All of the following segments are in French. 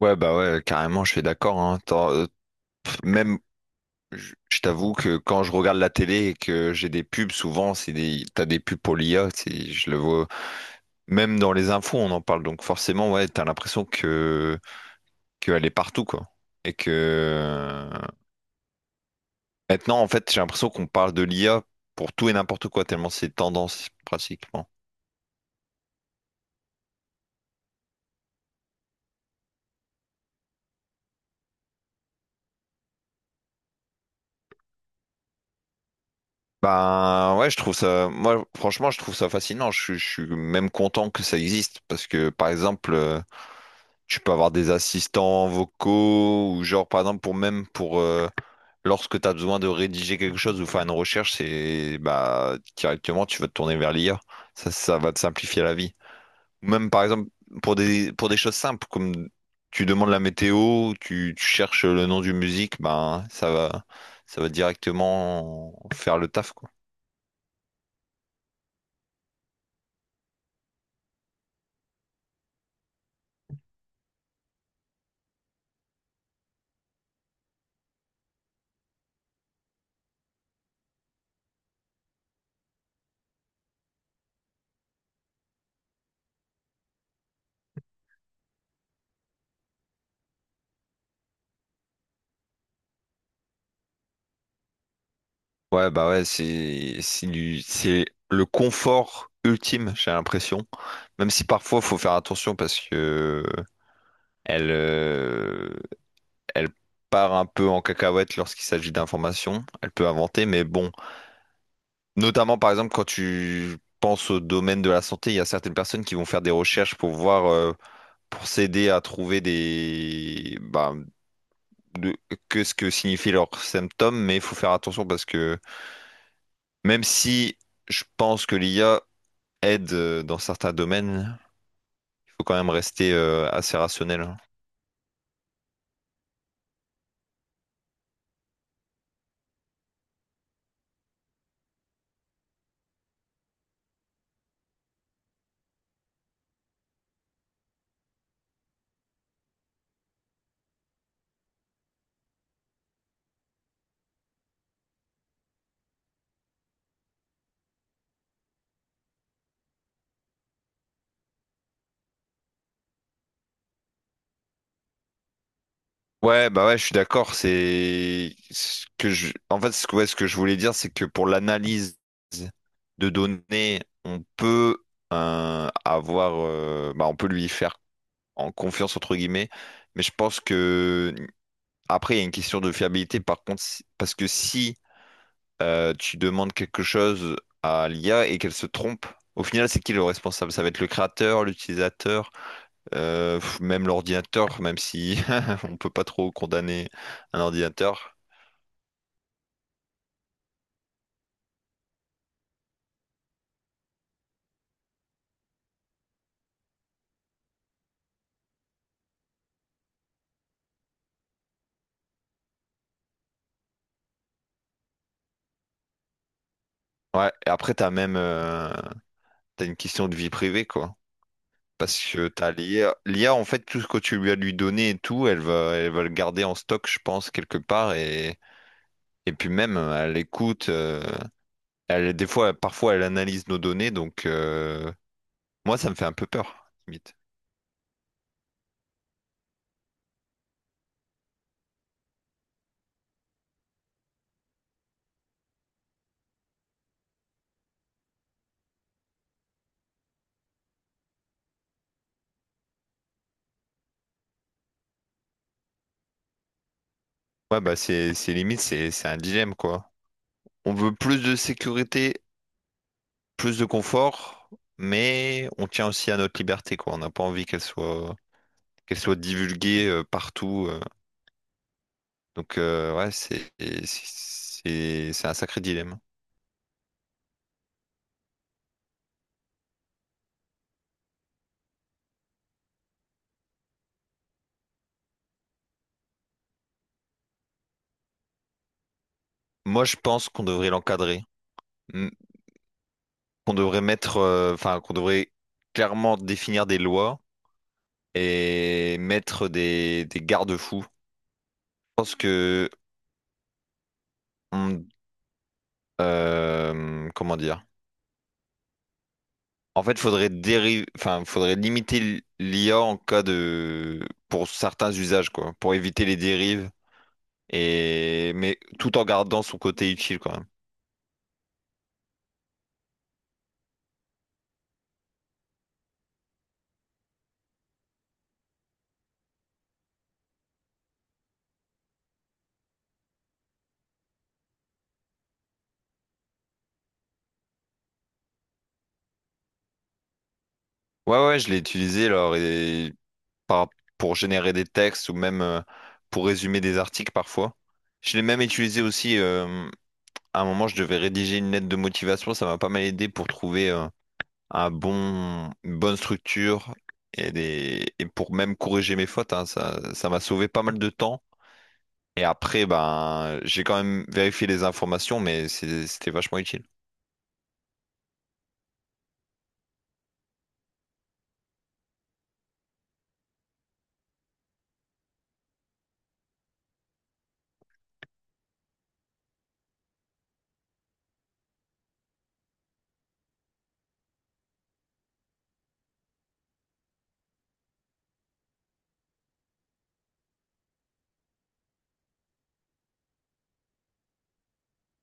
Ouais, bah ouais, carrément, je suis d'accord, hein. Même, je t'avoue que quand je regarde la télé et que j'ai des pubs, souvent, t'as des pubs pour l'IA, je le vois. Même dans les infos, on en parle. Donc forcément, ouais, t'as l'impression que qu'elle est partout, quoi. Et que maintenant, en fait, j'ai l'impression qu'on parle de l'IA pour tout et n'importe quoi, tellement c'est tendance, pratiquement. Ben ouais, je trouve ça. Moi, franchement, je trouve ça fascinant. Je suis même content que ça existe parce que, par exemple, tu peux avoir des assistants vocaux ou genre par exemple pour lorsque tu as besoin de rédiger quelque chose ou faire une recherche, c'est bah directement tu vas te tourner vers l'IA. Ça va te simplifier la vie. Ou même par exemple pour des choses simples comme tu demandes la météo, tu cherches le nom d'une musique, ben ça va directement faire le taf, quoi. Ouais, bah ouais, c'est le confort ultime, j'ai l'impression. Même si parfois, faut faire attention parce que elle, elle part un peu en cacahuète lorsqu'il s'agit d'informations. Elle peut inventer, mais bon. Notamment, par exemple, quand tu penses au domaine de la santé, il y a certaines personnes qui vont faire des recherches pour voir, pour s'aider à trouver de- que ce que signifient leurs symptômes, mais il faut faire attention parce que même si je pense que l'IA aide, dans certains domaines. Il faut quand même rester assez rationnel, hein. Ouais, bah ouais, je suis d'accord. C'est ce que je, en fait, ce que je voulais dire, c'est que pour l'analyse de données, on peut avoir, on peut lui faire en confiance entre guillemets. Mais je pense que après, il y a une question de fiabilité. Par contre, parce que si tu demandes quelque chose à l'IA et qu'elle se trompe, au final, c'est qui le responsable? Ça va être le créateur, l'utilisateur. Même l'ordinateur, même si on peut pas trop condamner un ordinateur. Ouais, et après, t'as une question de vie privée, quoi. Parce que t'as l'IA. L'IA, en fait, tout ce que tu lui as lui donné et tout, elle va le garder en stock, je pense, quelque part. Et puis même, elle écoute, elle, parfois, elle analyse nos données. Donc, moi, ça me fait un peu peur, limite. Ouais, bah, c'est un dilemme, quoi. On veut plus de sécurité, plus de confort, mais on tient aussi à notre liberté, quoi. On n'a pas envie qu'elle soit divulguée, partout. Donc, ouais, c'est un sacré dilemme. Moi, je pense qu'on devrait l'encadrer, mm, qu'on devrait mettre, enfin, qu'on devrait clairement définir des lois et mettre des garde-fous. Je pense que, on- comment dire? En fait, faudrait limiter l'IA en cas de, pour certains usages, quoi, pour éviter les dérives et, mais tout en gardant son côté utile quand même. Ouais, ouais, je l'ai utilisé alors et par- pour générer des textes ou même pour résumer des articles parfois. Je l'ai même utilisé aussi à un moment, je devais rédiger une lettre de motivation, ça m'a pas mal aidé pour trouver une bonne structure et pour même corriger mes fautes, hein, ça m'a sauvé pas mal de temps. Et après, ben, j'ai quand même vérifié les informations, mais c'était vachement utile.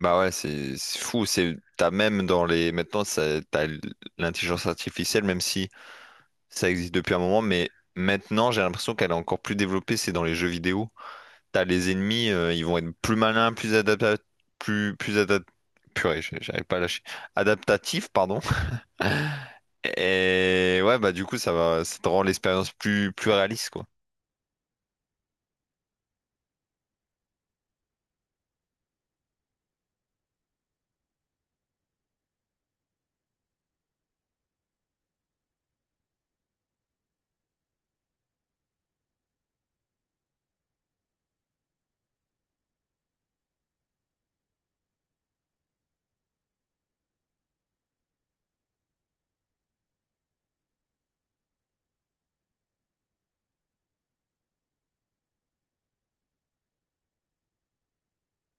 Bah ouais, c'est fou. C'est t'as même dans les maintenant, ça- t'as l- L'intelligence artificielle, même si ça existe depuis un moment, mais maintenant j'ai l'impression qu'elle est encore plus développée. C'est dans les jeux vidéo. T'as les ennemis, ils vont être plus malins, plus adaptatifs, plus plus adap- purée, j'arrive pas à lâcher. Adaptatifs, pardon. Et ouais, bah du coup, ça te rend l'expérience plus réaliste, quoi.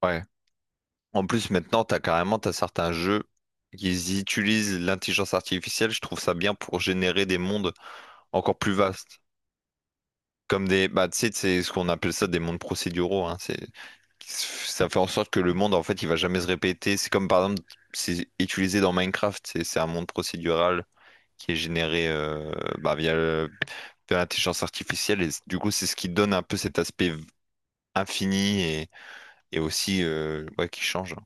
Ouais. En plus, maintenant, t'as certains jeux qui utilisent l'intelligence artificielle. Je trouve ça bien pour générer des mondes, encore plus vaste. Comme des, bah, tu sais, c'est ce qu'on appelle ça des mondes procéduraux, hein. C'est, ça fait en sorte que le monde, en fait, il va jamais se répéter. C'est comme, par exemple, c'est utilisé dans Minecraft. C'est un monde procédural qui est généré, bah, de l'intelligence artificielle. Et du coup, c'est ce qui donne un peu cet aspect infini et aussi, ouais, qui change, hein.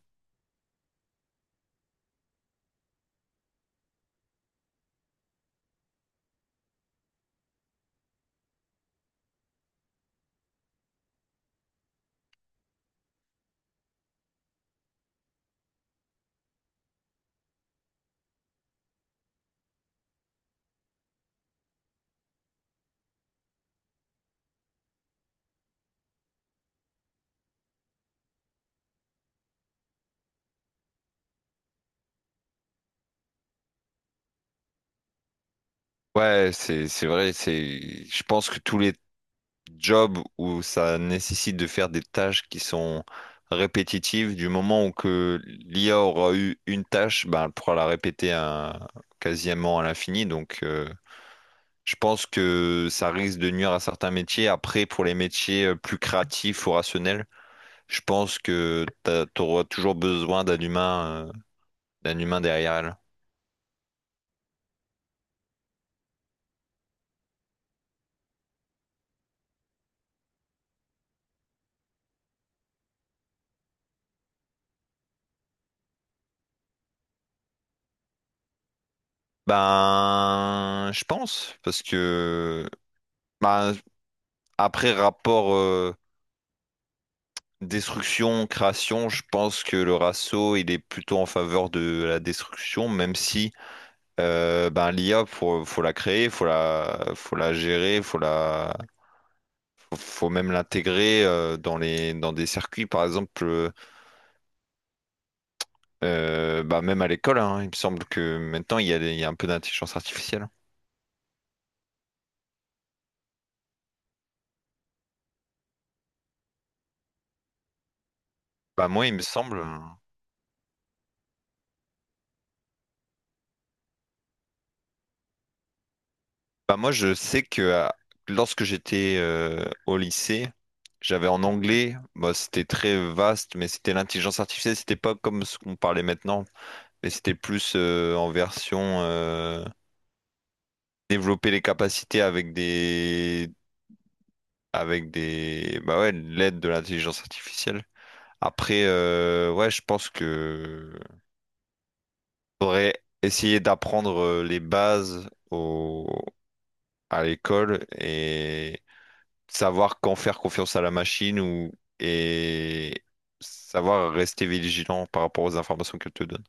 Ouais, c'est vrai, c'est je pense que tous les jobs où ça nécessite de faire des tâches qui sont répétitives, du moment où que l'IA aura eu une tâche, ben elle pourra la quasiment à l'infini, donc je pense que ça risque de nuire à certains métiers. Après, pour les métiers, plus créatifs ou rationnels, je pense que tu auras toujours besoin d'un humain, derrière elle. Ben, je pense, parce que ben, après rapport, destruction, création, je pense que le ratio, il est plutôt en faveur de la destruction, même si ben, l'IA, faut la créer, faut la gérer, faut même l'intégrer, dans des circuits par exemple bah même à l'école, hein, il me semble que maintenant il y a, il y a un peu d'intelligence artificielle. Bah moi il me semble euh, bah moi je sais que lorsque j'étais, au lycée, j'avais en anglais, bah, c'était très vaste mais c'était l'intelligence artificielle, c'était pas comme ce qu'on parlait maintenant, mais c'était plus, en version, développer les capacités avec des, bah ouais, l'aide de l'intelligence artificielle. Après, ouais, je pense que faudrait essayer d'apprendre, les bases à l'école et savoir quand faire confiance à la machine ou et savoir rester vigilant par rapport aux informations qu'elle te donne.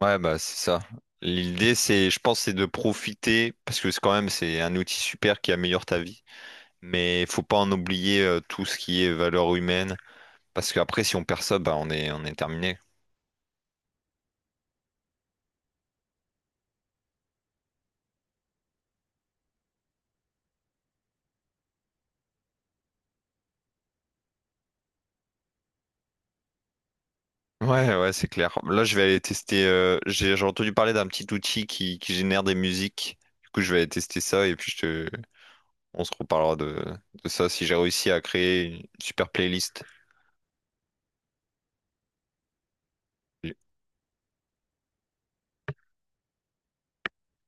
Ouais, bah c'est ça. L'idée, c'est, je pense, c'est de profiter parce que c'est quand même c'est un outil super qui améliore ta vie. Mais il faut pas en oublier, tout ce qui est valeur humaine. Parce qu'après, si on perd ça, bah, on est terminé. Ouais, ouais, c'est clair. Là, je vais aller tester. J'ai entendu parler d'un petit outil qui génère des musiques. Du coup, je vais aller tester ça et puis je te... on se reparlera de ça si j'ai réussi à créer une super playlist.